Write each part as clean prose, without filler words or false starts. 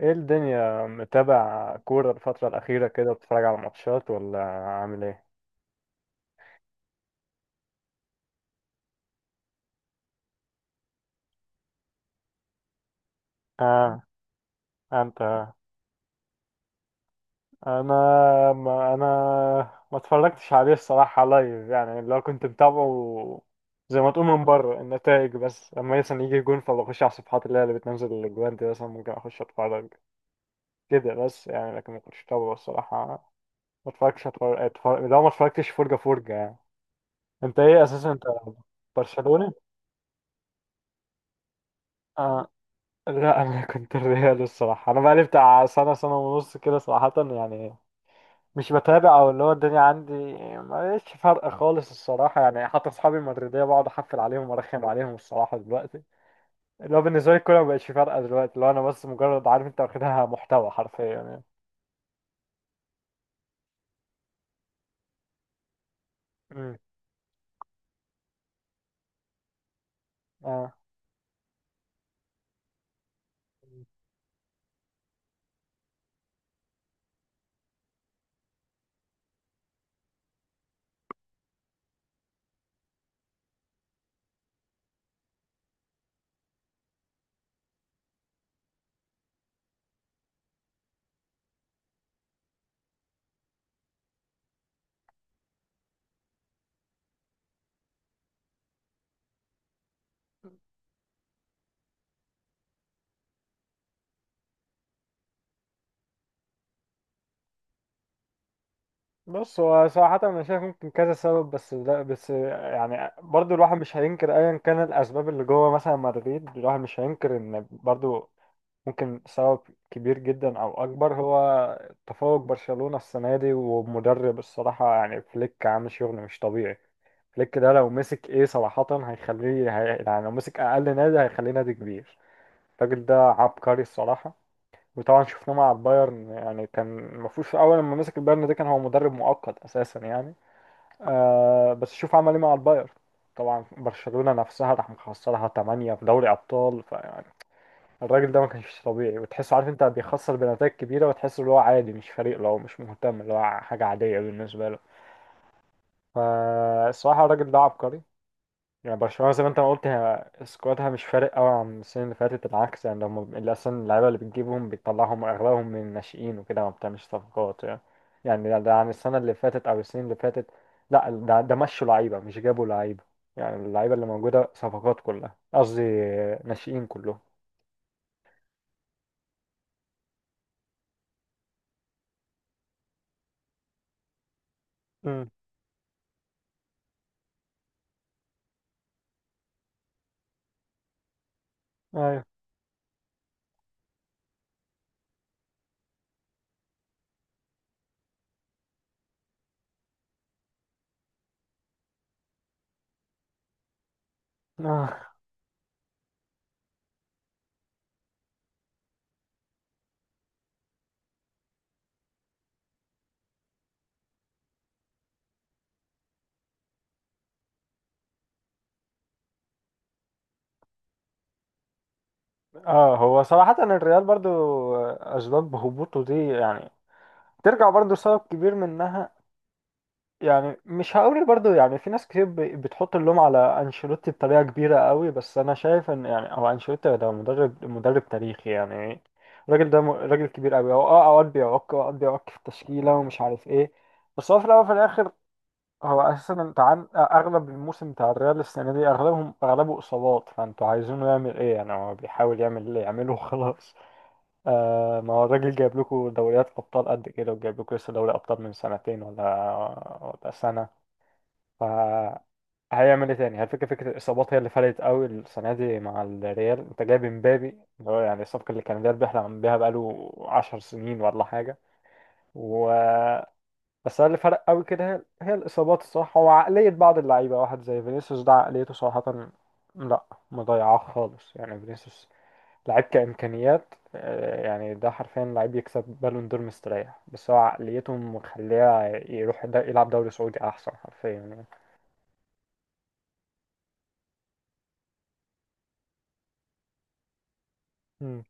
ايه الدنيا، متابع كورة الفترة الأخيرة كده؟ بتتفرج على ماتشات ولا عامل ايه؟ اه. انت انا ما انا ما اتفرجتش عليه الصراحة لايف، يعني لو كنت متابعه زي ما تقول من بره النتائج. بس لما مثلا يجي جون فبخش على الصفحات اللي بتنزل الاجوان دي، مثلا ممكن اخش اتفرج كده بس يعني. لكن ما كنتش متابعه الصراحة. ما اتفرجتش اتفرج, أتفرج... لو ما اتفرجتش فرجة فرجة يعني. انت ايه اساسا؟ انت برشلوني؟ اه، لا. انا كنت الريال الصراحه، انا بقالي بتاع سنه، سنه ونص كده صراحه يعني. مش بتابع، او اللي هو الدنيا عندي ماليش فرق خالص الصراحه يعني. حتى اصحابي المدريديه بقعد احفل عليهم وارخم عليهم الصراحه دلوقتي. اللي هو بالنسبه لي الكوره مبقتش فارقه دلوقتي، اللي هو انا بس مجرد، عارف انت، واخدها محتوى حرفيا يعني. امم اه. بص، هو صراحة أنا شايف ممكن كذا سبب، بس يعني برضو الواحد مش هينكر أيا كان الأسباب اللي جوه مثلا مدريد. الواحد مش هينكر إن برضو ممكن سبب كبير جدا او اكبر، هو تفوق برشلونة السنة دي ومدرب الصراحة يعني. فليك عامل شغل مش طبيعي. فليك ده لو مسك ايه صراحة هيخليه يعني لو مسك اقل نادي هيخليه نادي كبير. الراجل ده عبقري الصراحة. وطبعا شفناه مع البايرن، يعني كان المفروض في اول لما مسك البايرن ده، كان هو مدرب مؤقت اساسا يعني. بس شوف عمل ايه مع البايرن. طبعا برشلونة نفسها راح مخسرها 8 في دوري ابطال. الراجل ده ما كانش طبيعي، وتحسه عارف انت بيخسر بنتائج كبيرة، وتحسه اللي هو عادي، مش فريق، لو مش مهتم اللي هو حاجة عادية بالنسبة له. فالصراحة الراجل ده عبقري. يعني برشلونة زي ما انت ما قلت، هي سكوادها مش فارق قوي عن السنين اللي فاتت، بالعكس يعني. لما اللي اصلا اللعيبة اللي بتجيبهم بتطلعهم اغلبهم من الناشئين وكده، ما بتعملش صفقات يعني. يعني ده عن السنة اللي فاتت او السنين اللي فاتت. لا، ده مشوا لعيبة مش جابوا لعيبة. يعني اللعيبة اللي موجودة صفقات كلها، قصدي ناشئين كلهم. امم ايوه. آه. اه، هو صراحة الريال برضو، أسباب هبوطه دي يعني ترجع برضو، سبب كبير منها، يعني مش هقول برضو يعني، في ناس كتير بتحط اللوم على أنشيلوتي بطريقة كبيرة قوي، بس أنا شايف إن يعني هو أنشيلوتي ده مدرب تاريخي يعني. الراجل ده راجل كبير قوي، هو اه، أوقات بيعك في التشكيلة ومش عارف إيه. بس هو في الأول وفي الآخر، هو أساسا أنت، عن أغلب الموسم بتاع الريال السنة دي، أغلبه إصابات. فأنتوا عايزينه يعمل إيه يعني؟ هو بيحاول يعمل اللي يعمله وخلاص. ما هو الراجل جايب لكم دوريات أبطال قد كده، وجايب لكم لسه دوري أبطال من سنتين ولا سنة. فهيعمل إيه تاني؟ هل فكرة الإصابات هي اللي فرقت قوي السنة دي مع الريال؟ أنت جايب إمبابي اللي هو يعني الصفقة اللي كان الريال بيحلم بيها بقاله 10 سنين ولا حاجة. و بس هو اللي فرق قوي كده، هي الإصابات الصراحة، وعقلية بعض اللعيبة. واحد زي فينيسيوس ده، عقليته صراحة لأ، مضيعة خالص يعني. فينيسيوس لعيب كإمكانيات، يعني ده حرفيا لعيب يكسب بالون دور مستريح، بس هو عقليته مخليه يروح دا يلعب دوري سعودي أحسن، حرفيا يعني. مم.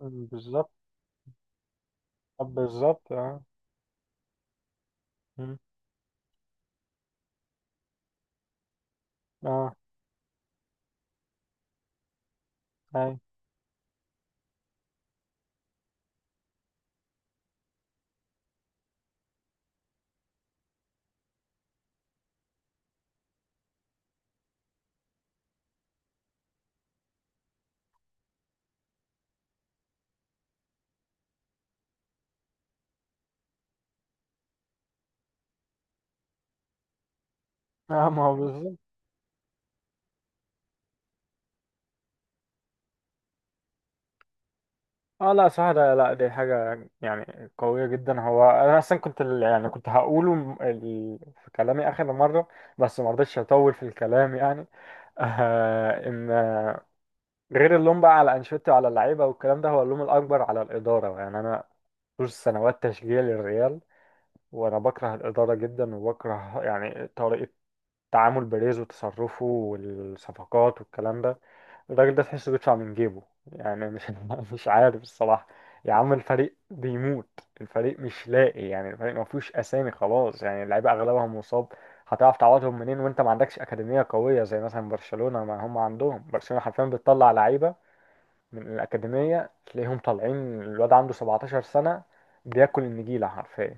بالظبط. طب بالظبط اه. مم. اه. اي. اه، ما هو بالظبط. اه لا صح، ده لا، دي حاجة يعني قوية جدا. هو انا اصلا كنت يعني كنت هقوله في كلامي اخر مرة. بس ما رضيتش اطول في الكلام يعني. ان غير اللوم بقى على انشيلوتي وعلى اللعيبه والكلام ده، هو اللوم الاكبر على الاداره يعني. انا طول سنوات تشجيعي للريال، وانا بكره الاداره جدا، وبكره يعني طريقه تعامل بيريز وتصرفه والصفقات والكلام ده. الراجل ده تحسه بيدفع من جيبه، يعني مش مش عارف الصراحه. يا عم، الفريق بيموت، الفريق مش لاقي يعني، الفريق ما فيهوش اسامي، خلاص يعني اللعيبه اغلبها مصاب. هتعرف تعوضهم منين وانت ما عندكش اكاديميه قويه زي مثلا برشلونه؟ ما هم عندهم برشلونه حرفيا بتطلع لعيبه من الأكاديمية، تلاقيهم طالعين الواد عنده 17 سنة بياكل النجيلة حرفيا.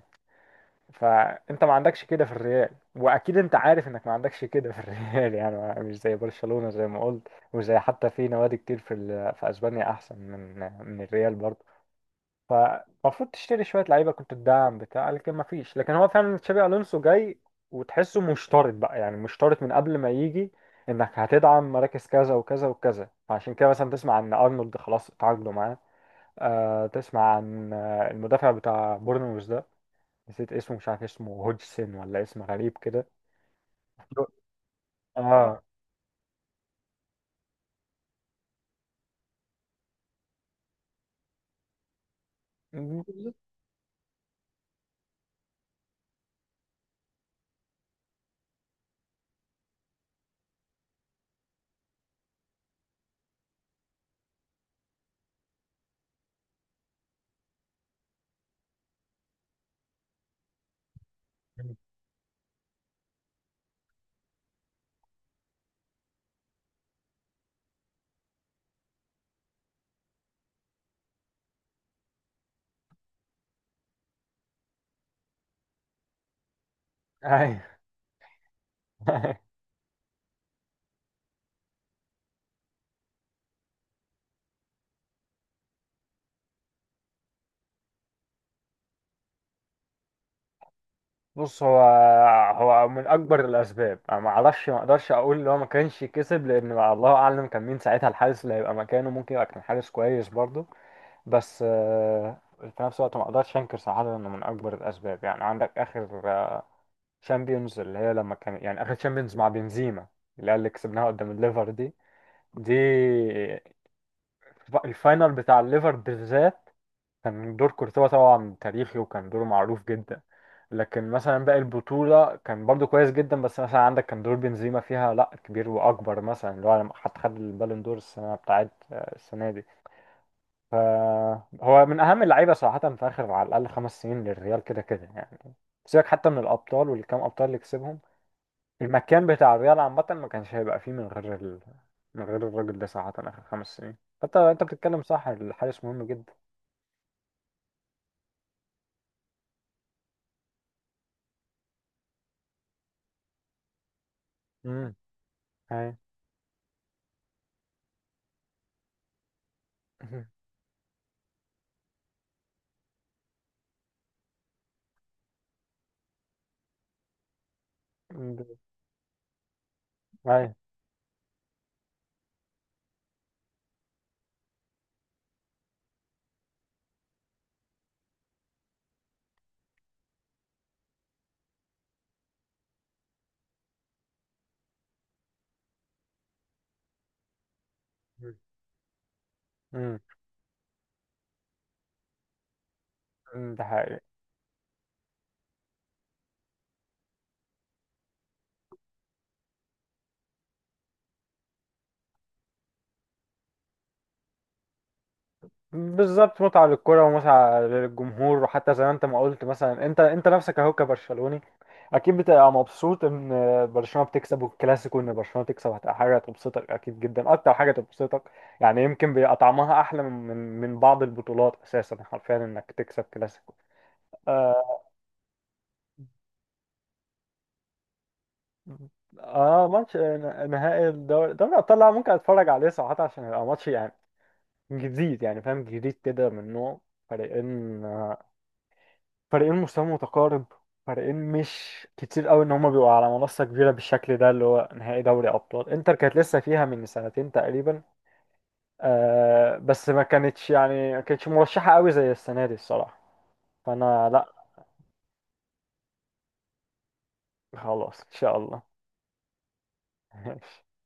فأنت ما عندكش كده في الريال، وأكيد أنت عارف إنك ما عندكش كده في الريال. يعني مش زي برشلونة زي ما قلت، وزي حتى في نوادي كتير في أسبانيا أحسن من الريال برضه. فالمفروض تشتري شوية لعيبة كنت تدعم بتاع، لكن ما فيش. لكن هو فعلا تشابي ألونسو جاي، وتحسه مشترط بقى، يعني مشترط من قبل ما يجي انك هتدعم مراكز كذا وكذا وكذا. فعشان كده مثلا تسمع ان ارنولد خلاص اتعاقدوا معاه. تسمع عن المدافع بتاع بورنموث ده، نسيت اسمه، مش عارف اسمه هودجسون ولا اسم غريب كده. اه. اي. بص، هو من اكبر الاسباب. انا ما اعرفش، ما اقدرش اقول ان هو ما كانش كسب، لان بقى الله اعلم كان مين ساعتها الحارس اللي هيبقى مكانه، ممكن يبقى كان حارس كويس برضه. بس في نفس الوقت ما اقدرش انكر صراحه انه من اكبر الاسباب. يعني عندك اخر شامبيونز، اللي هي لما كان يعني اخر شامبيونز مع بنزيما، اللي هي اللي كسبناها قدام الليفر دي. دي الفاينل بتاع الليفر بالذات، كان دور كورتوا طبعا تاريخي، وكان دوره معروف جدا. لكن مثلا باقي البطولة كان برضو كويس جدا، بس مثلا عندك كان دور بنزيما فيها لا كبير واكبر، مثلا اللي هو لما حتى خد البالون دور السنة بتاعت السنة دي. فهو من اهم اللعيبة صراحة في اخر على الاقل 5 سنين للريال، كده كده يعني. سيبك حتى من الابطال والكام ابطال اللي كسبهم، المكان بتاع الرياضة عامة ما كانش هيبقى فيه من غير الراجل ده صراحة آخر 5 سنين. فأنت بتتكلم صح، الحارس مهم جدا. امم هاي. ده- هاي. امم ده حقيقي. بالظبط، متعة للكرة ومتعة للجمهور، وحتى زي ما انت ما قلت، مثلا انت نفسك اهو كبرشلوني، اكيد بتبقى مبسوط ان برشلونة بتكسب. والكلاسيكو، ان برشلونة تكسب، هتبقى حاجة تبسطك اكيد جدا، اكتر حاجة تبسطك يعني. يمكن بيبقى طعمها احلى من بعض البطولات، اساسا حرفيا انك تكسب كلاسيكو. آه. اه، ماتش نهائي الدوري، دوري الابطال، لا ممكن اتفرج عليه صراحة، عشان يبقى ماتش يعني جديد يعني، فاهم جديد كده، من نوع فريقين، فريقين مستوى متقارب، فريقين مش كتير قوي ان هما بيبقوا على منصة كبيرة بالشكل ده اللي هو نهائي دوري ابطال. انتر كانت لسه فيها من سنتين تقريبا. بس ما كانتش مرشحة قوي زي السنة دي الصراحة. فانا لا. خلاص ان شاء الله.